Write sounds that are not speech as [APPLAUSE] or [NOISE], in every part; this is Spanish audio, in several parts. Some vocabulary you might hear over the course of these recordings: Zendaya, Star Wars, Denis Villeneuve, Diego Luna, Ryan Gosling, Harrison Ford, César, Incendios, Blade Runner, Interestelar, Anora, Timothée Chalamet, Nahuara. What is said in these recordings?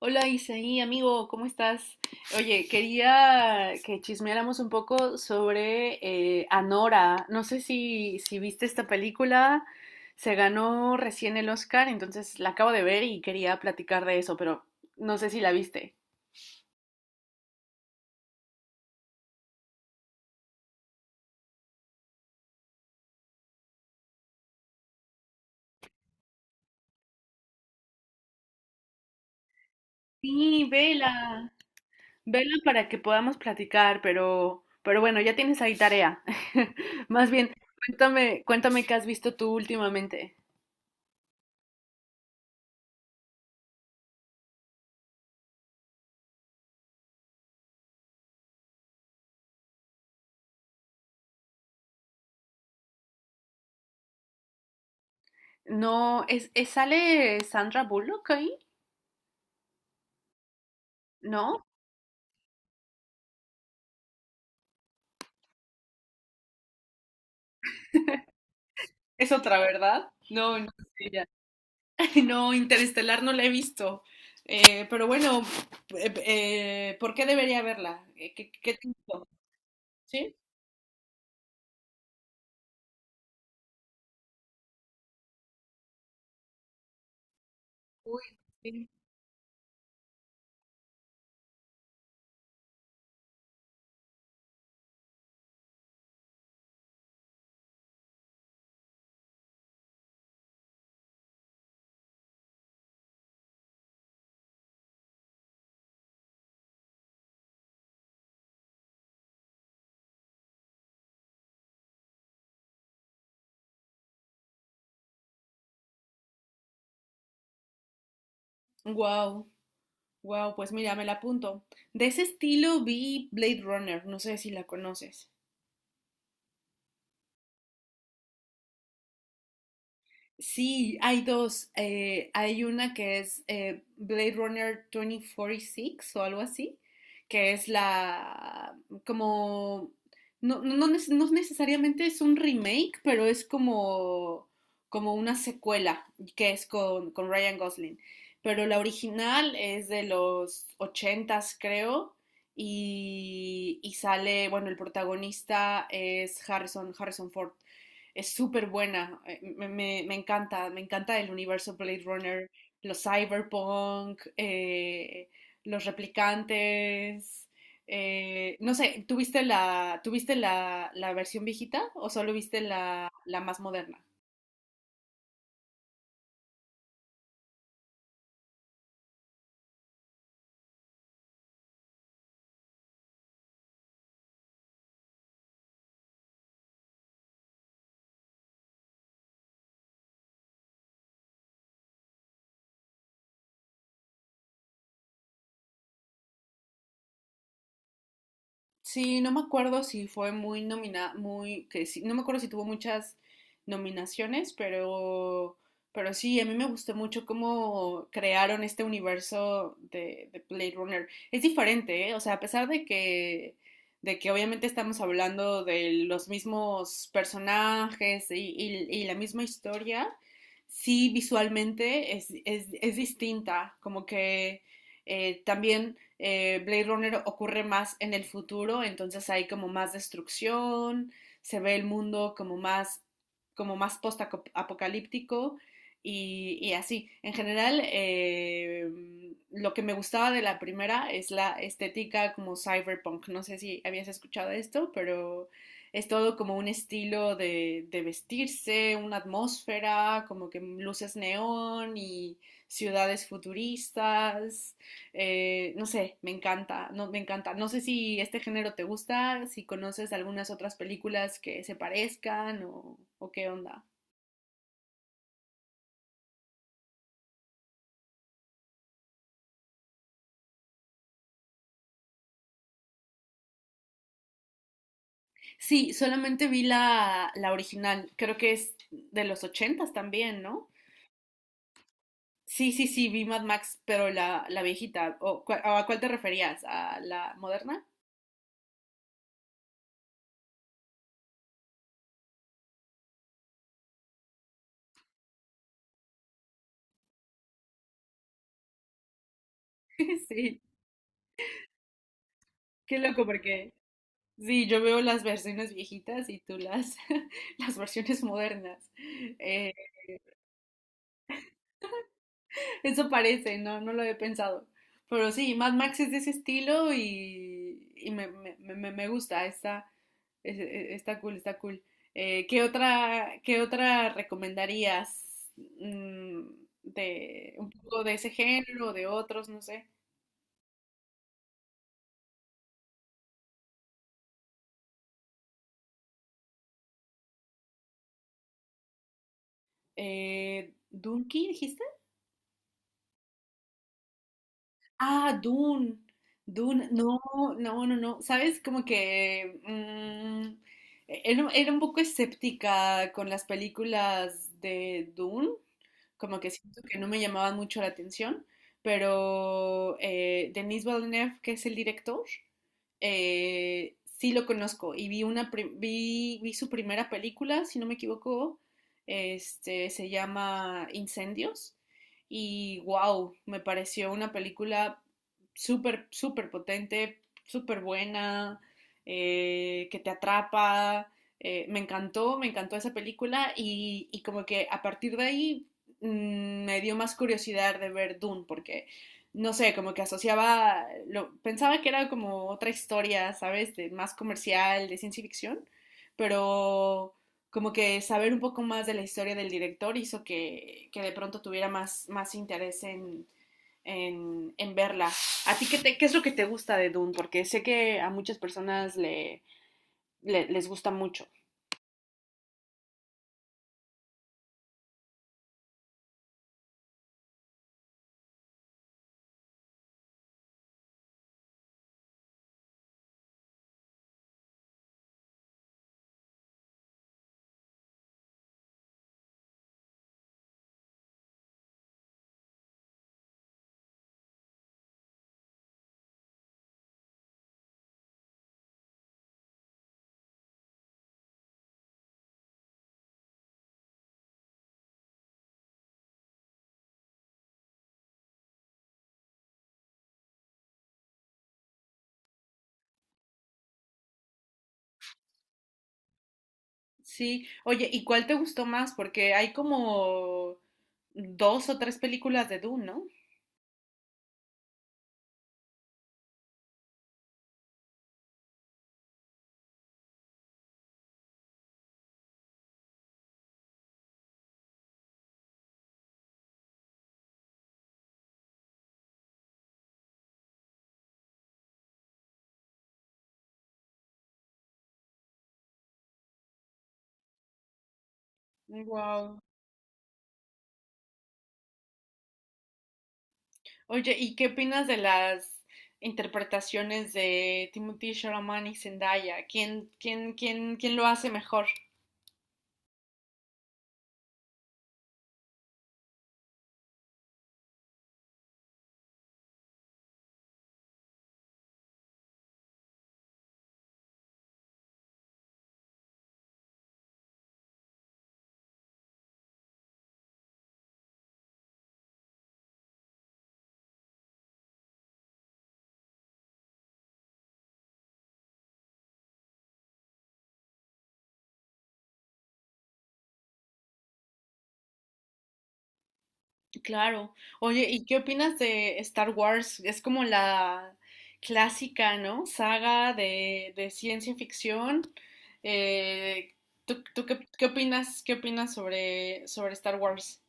Hola Isaí, amigo, ¿cómo estás? Oye, quería que chismeáramos un poco sobre Anora. No sé si viste esta película, se ganó recién el Oscar, entonces la acabo de ver y quería platicar de eso, pero no sé si la viste. Sí, vela, vela para que podamos platicar, pero bueno, ya tienes ahí tarea. [LAUGHS] Más bien, cuéntame, cuéntame qué has visto tú últimamente. No, ¿sale Sandra Bullock ahí? ¿No? Es otra, ¿verdad? No, sí, ya. [LAUGHS] No, Interestelar no la he visto. Pero bueno, ¿por qué debería verla? ¿Qué, qué te hizo? ¿Sí? Uy, sí. Wow, wow, pues mira, me la apunto. De ese estilo vi Blade Runner, no sé si la conoces. Sí, hay dos. Hay una que es Blade Runner 2046 o algo así, que es la como no, no, no necesariamente es un remake, pero es como, como una secuela que es con Ryan Gosling. Pero la original es de los ochentas, creo, y sale, bueno, el protagonista es Harrison, Harrison Ford, es súper buena. Me encanta, me encanta el universo Blade Runner, los cyberpunk, los replicantes. No sé, tuviste la versión viejita o solo viste la más moderna? Sí, no me acuerdo si fue muy nominada, muy, que sí, no me acuerdo si tuvo muchas nominaciones, pero sí, a mí me gustó mucho cómo crearon este universo de Blade Runner. Es diferente, ¿eh? O sea, a pesar de que obviamente estamos hablando de los mismos personajes y la misma historia, sí, visualmente es distinta, como que también Blade Runner ocurre más en el futuro, entonces hay como más destrucción, se ve el mundo como más post-apocalíptico así. En general, lo que me gustaba de la primera es la estética como cyberpunk. No sé si habías escuchado esto, pero es todo como un estilo de vestirse, una atmósfera, como que luces neón y ciudades futuristas. No sé, me encanta. No sé si este género te gusta, si conoces algunas otras películas que se parezcan o qué onda. Sí, solamente vi la original, creo que es de los ochentas también, ¿no? Sí, sí, sí, vi Mad Max, pero la viejita. ¿O a cuál te referías? ¿A la moderna? [LAUGHS] Sí, qué loco porque... Sí, yo veo las versiones viejitas y tú las, [LAUGHS] las versiones modernas. Eh, Eso parece, no, no lo he pensado. Pero sí, Mad Max es de ese estilo y me gusta, está, está cool, está cool. Qué otra recomendarías mm, de un poco de ese género o de otros, no sé? ¿Dunkin' dijiste? Ah, Dune. Dune. No, no, no, no. ¿Sabes? Como que mm, era un poco escéptica con las películas de Dune, como que siento que no me llamaban mucho la atención, pero Denis Villeneuve, que es el director, sí lo conozco y vi su primera película, si no me equivoco, este, se llama Incendios y wow, me pareció una película súper, súper potente, súper buena, que te atrapa. Me encantó, me encantó esa película y como que a partir de ahí mmm, me dio más curiosidad de ver Dune porque, no sé, como que asociaba, lo, pensaba que era como otra historia, ¿sabes? De más comercial, de ciencia ficción, pero como que saber un poco más de la historia del director hizo que de pronto tuviera más, más interés en verla. ¿A ti qué, te, qué es lo que te gusta de Dune? Porque sé que a muchas personas les gusta mucho. Sí, oye, ¿y cuál te gustó más? Porque hay como dos o tres películas de Dune, ¿no? Wow. Oye, ¿y qué opinas de las interpretaciones de Timothée Chalamet y Zendaya? ¿Quién, quién, quién, quién lo hace mejor? Claro. Oye, ¿y qué opinas de Star Wars? Es como la clásica, ¿no? Saga de ciencia ficción. Eh, ¿tú qué, qué opinas sobre Star Wars?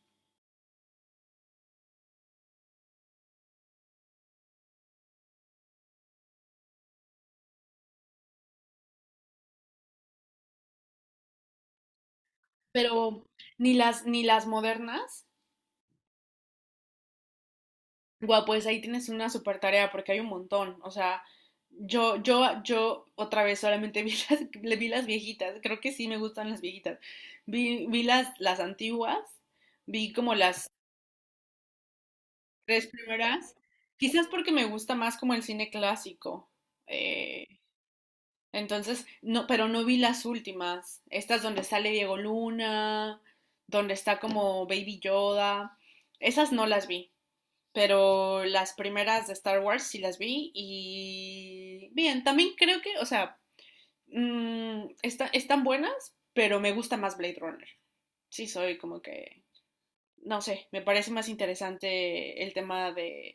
Pero ni las, ni las modernas. Guau, pues ahí tienes una super tarea porque hay un montón. O sea, yo otra vez solamente [LAUGHS] vi las, le vi las viejitas. Creo que sí me gustan las viejitas. Vi, vi las antiguas, vi como las tres primeras. Quizás porque me gusta más como el cine clásico. Eh, entonces, no, pero no vi las últimas. Estas donde sale Diego Luna, donde está como Baby Yoda. Esas no las vi. Pero las primeras de Star Wars sí las vi y bien, también creo que, o sea, mmm, están buenas, pero me gusta más Blade Runner. Sí, soy como que, no sé, me parece más interesante el tema de,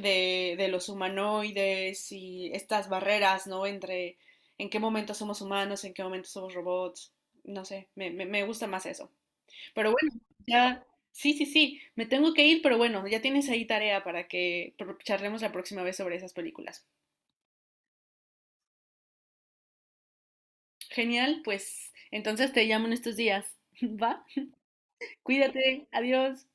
de, de los humanoides y estas barreras, ¿no? Entre en qué momento somos humanos, en qué momento somos robots, no sé, me gusta más eso. Pero bueno, ya, sí, sí, sí, me tengo que ir, pero bueno, ya tienes ahí tarea para que charlemos la próxima vez sobre esas películas. Genial, pues entonces te llamo en estos días, [LAUGHS] ¿va? Cuídate, adiós.